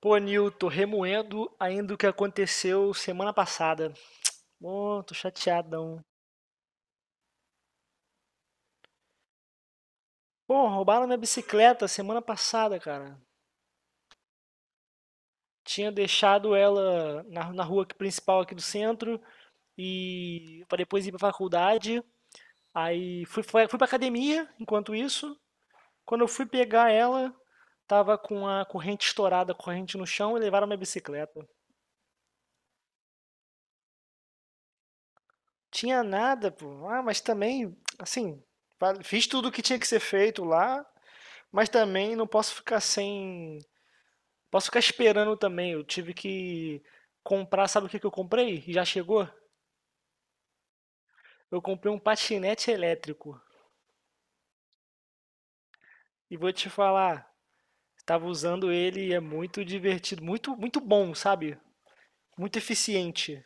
Pô, Nil, remoendo ainda o que aconteceu semana passada. Pô, tô chateadão. Pô, roubaram minha bicicleta semana passada, cara. Tinha deixado ela na rua aqui- principal aqui do centro e para depois ir pra faculdade. Aí fui pra academia enquanto isso. Quando eu fui pegar ela, tava com a corrente estourada, a corrente no chão e levaram minha bicicleta. Tinha nada, pô. Ah, mas também, assim, fiz tudo o que tinha que ser feito lá. Mas também não posso ficar sem. Posso ficar esperando também. Eu tive que comprar, sabe o que que eu comprei? E já chegou? Eu comprei um patinete elétrico. E vou te falar, estava usando ele e é muito divertido, muito, muito bom, sabe? Muito eficiente.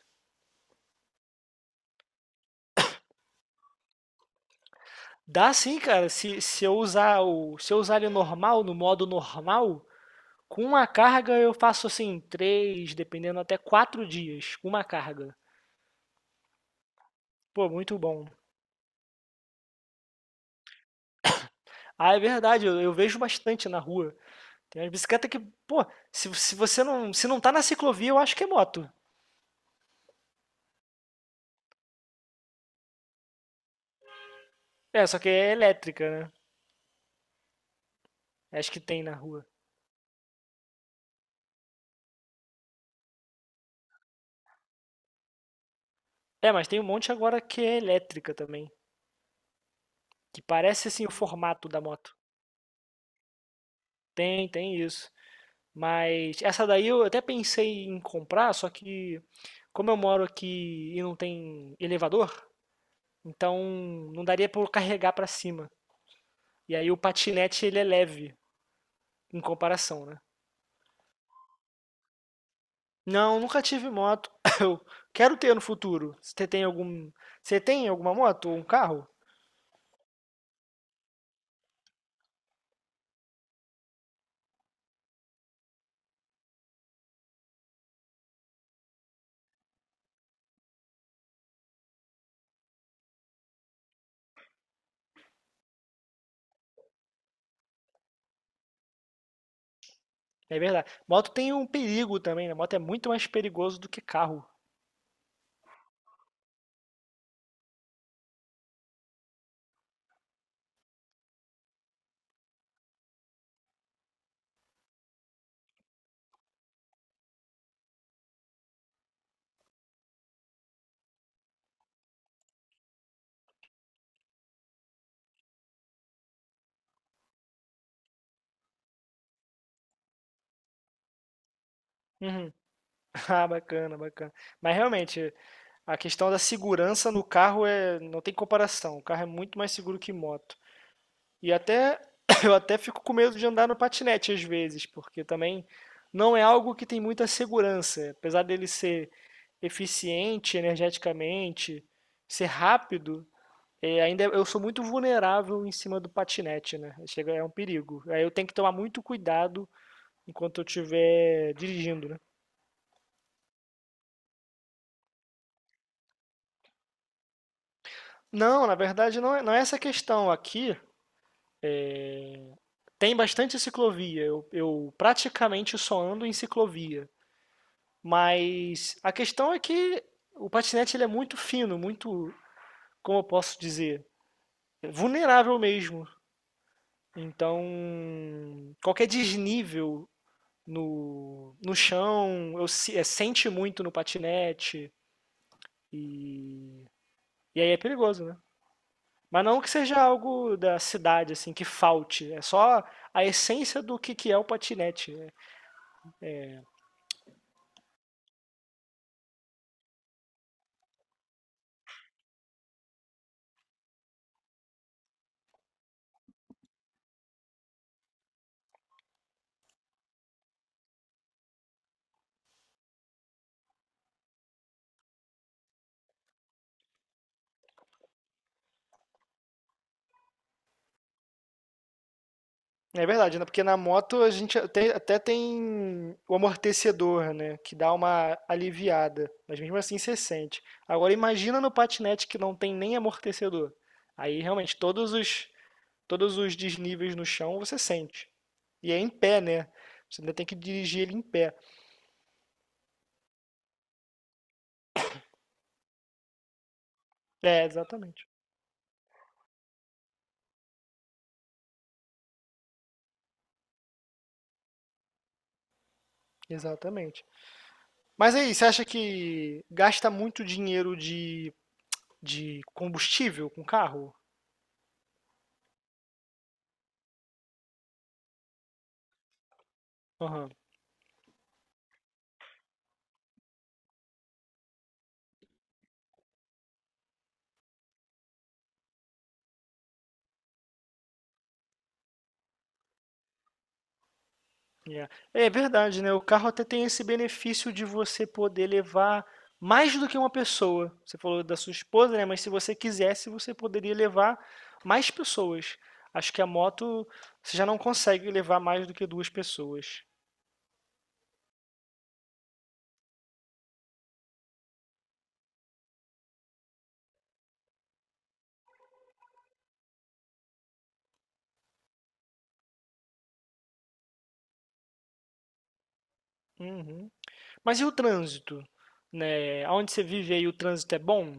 Dá sim, cara. Se eu usar o, se eu usar ele normal, no modo normal, com uma carga eu faço assim, três, dependendo até quatro dias, com uma carga. Pô, muito bom. Ah, é verdade, eu vejo bastante na rua. Tem umas bicicleta que, pô, se você não, se não tá na ciclovia, eu acho que é moto. É, só que é elétrica, né? Acho que tem na rua. É, mas tem um monte agora que é elétrica também, que parece assim o formato da moto. Tem isso. Mas essa daí eu até pensei em comprar, só que como eu moro aqui e não tem elevador, então não daria pra eu carregar pra cima. E aí o patinete ele é leve em comparação, né? Não, nunca tive moto. Eu quero ter no futuro. Você tem algum, você tem alguma moto ou um carro? É verdade. Moto tem um perigo também, né? Moto é muito mais perigoso do que carro. Uhum. Ah, bacana, bacana. Mas realmente, a questão da segurança no carro é, não tem comparação. O carro é muito mais seguro que moto. E até eu até fico com medo de andar no patinete às vezes, porque também não é algo que tem muita segurança, apesar dele ser eficiente energeticamente, ser rápido, é, ainda eu sou muito vulnerável em cima do patinete, né? Chega, é um perigo. Aí eu tenho que tomar muito cuidado enquanto eu estiver dirigindo, né? Não, na verdade não é, não é essa a questão. Aqui tem bastante ciclovia. Eu praticamente só ando em ciclovia. Mas a questão é que o patinete ele é muito fino, muito, como eu posso dizer, vulnerável mesmo. Então, qualquer desnível no chão, eu, se- é, sente muito no patinete. E, e aí é perigoso, né? Mas não que seja algo da cidade, assim, que falte. É só a essência do que é o patinete, né? É verdade, né? Porque na moto a gente até, até tem o amortecedor, né? Que dá uma aliviada. Mas mesmo assim você sente. Agora imagina no patinete que não tem nem amortecedor. Aí realmente todos os desníveis no chão você sente. E é em pé, né? Você ainda tem que dirigir ele em pé. É, exatamente. Exatamente. Mas aí, você acha que gasta muito dinheiro de combustível com carro? Aham. Yeah. É verdade, né? O carro até tem esse benefício de você poder levar mais do que uma pessoa. Você falou da sua esposa, né? Mas se você quisesse, você poderia levar mais pessoas. Acho que a moto você já não consegue levar mais do que duas pessoas. Uhum. Mas e o trânsito? Né? Onde você vive aí, o trânsito é bom?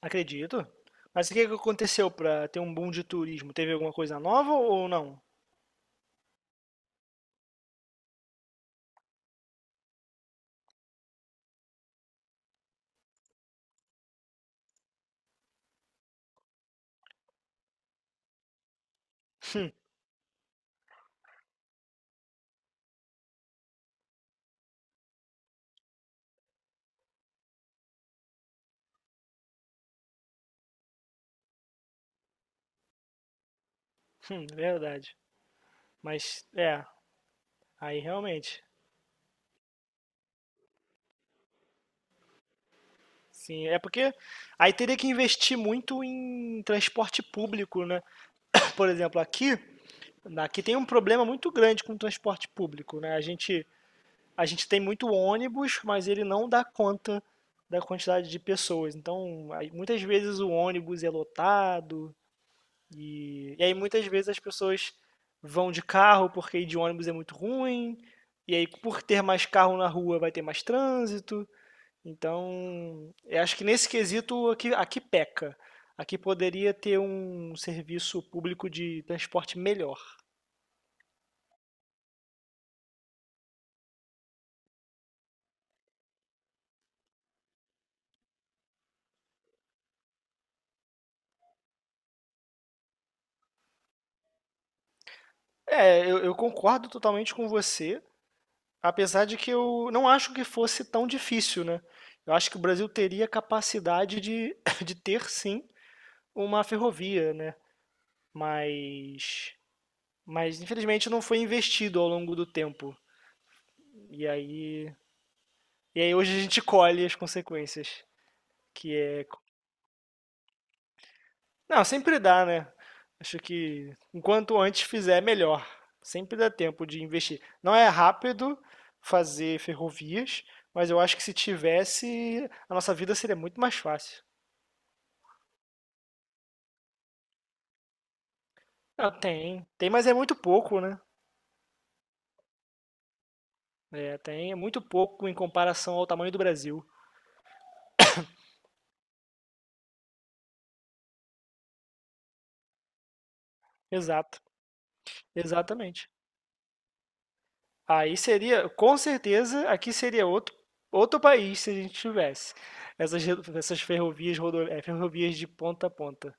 Acredito. Mas o que que aconteceu para ter um boom de turismo? Teve alguma coisa nova ou não? É verdade. Mas é, aí realmente. Sim, é porque aí teria que investir muito em transporte público, né? Por exemplo, aqui, aqui tem um problema muito grande com o transporte público, né? A gente tem muito ônibus, mas ele não dá conta da quantidade de pessoas. Então, aí, muitas vezes o ônibus é lotado e aí muitas vezes as pessoas vão de carro porque ir de ônibus é muito ruim. E aí, por ter mais carro na rua, vai ter mais trânsito. Então, eu acho que nesse quesito aqui, aqui peca. Aqui poderia ter um serviço público de transporte melhor. É, eu concordo totalmente com você. Apesar de que eu não acho que fosse tão difícil, né? Eu acho que o Brasil teria capacidade de, de ter sim uma ferrovia, né? Mas, mas infelizmente não foi investido ao longo do tempo. E aí, e aí hoje a gente colhe as consequências, que é, não, sempre dá, né? Acho que enquanto antes fizer, melhor. Sempre dá tempo de investir. Não é rápido fazer ferrovias, mas eu acho que se tivesse, a nossa vida seria muito mais fácil. Ah, tem, tem, mas é muito pouco, né? É, tem, é muito pouco em comparação ao tamanho do Brasil. Exato, exatamente. Aí seria, com certeza, aqui seria outro, outro país se a gente tivesse essas, re- essas ferrovias, rodo, é, ferrovias de ponta a ponta.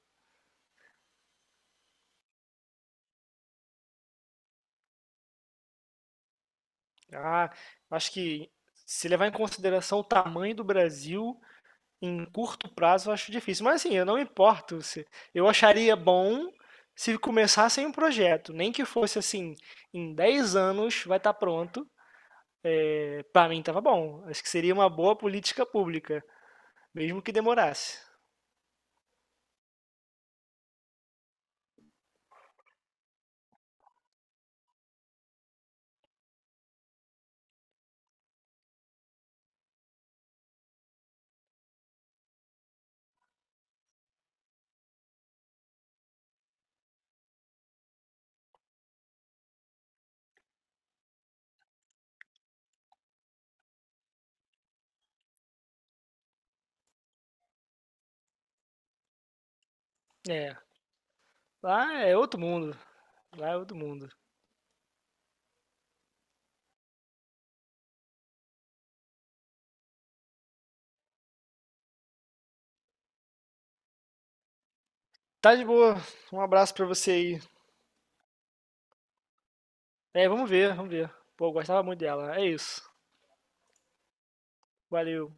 Ah, acho que se levar em consideração o tamanho do Brasil, em curto prazo eu acho difícil, mas assim, eu não me importo se eu acharia bom se começassem um projeto, nem que fosse assim, em 10 anos vai estar pronto. É, para mim tava bom. Acho que seria uma boa política pública, mesmo que demorasse. É, lá é outro mundo, lá é outro mundo. Tá de boa. Um abraço pra você aí. É, vamos ver, vamos ver. Pô, eu gostava muito dela. É isso. Valeu.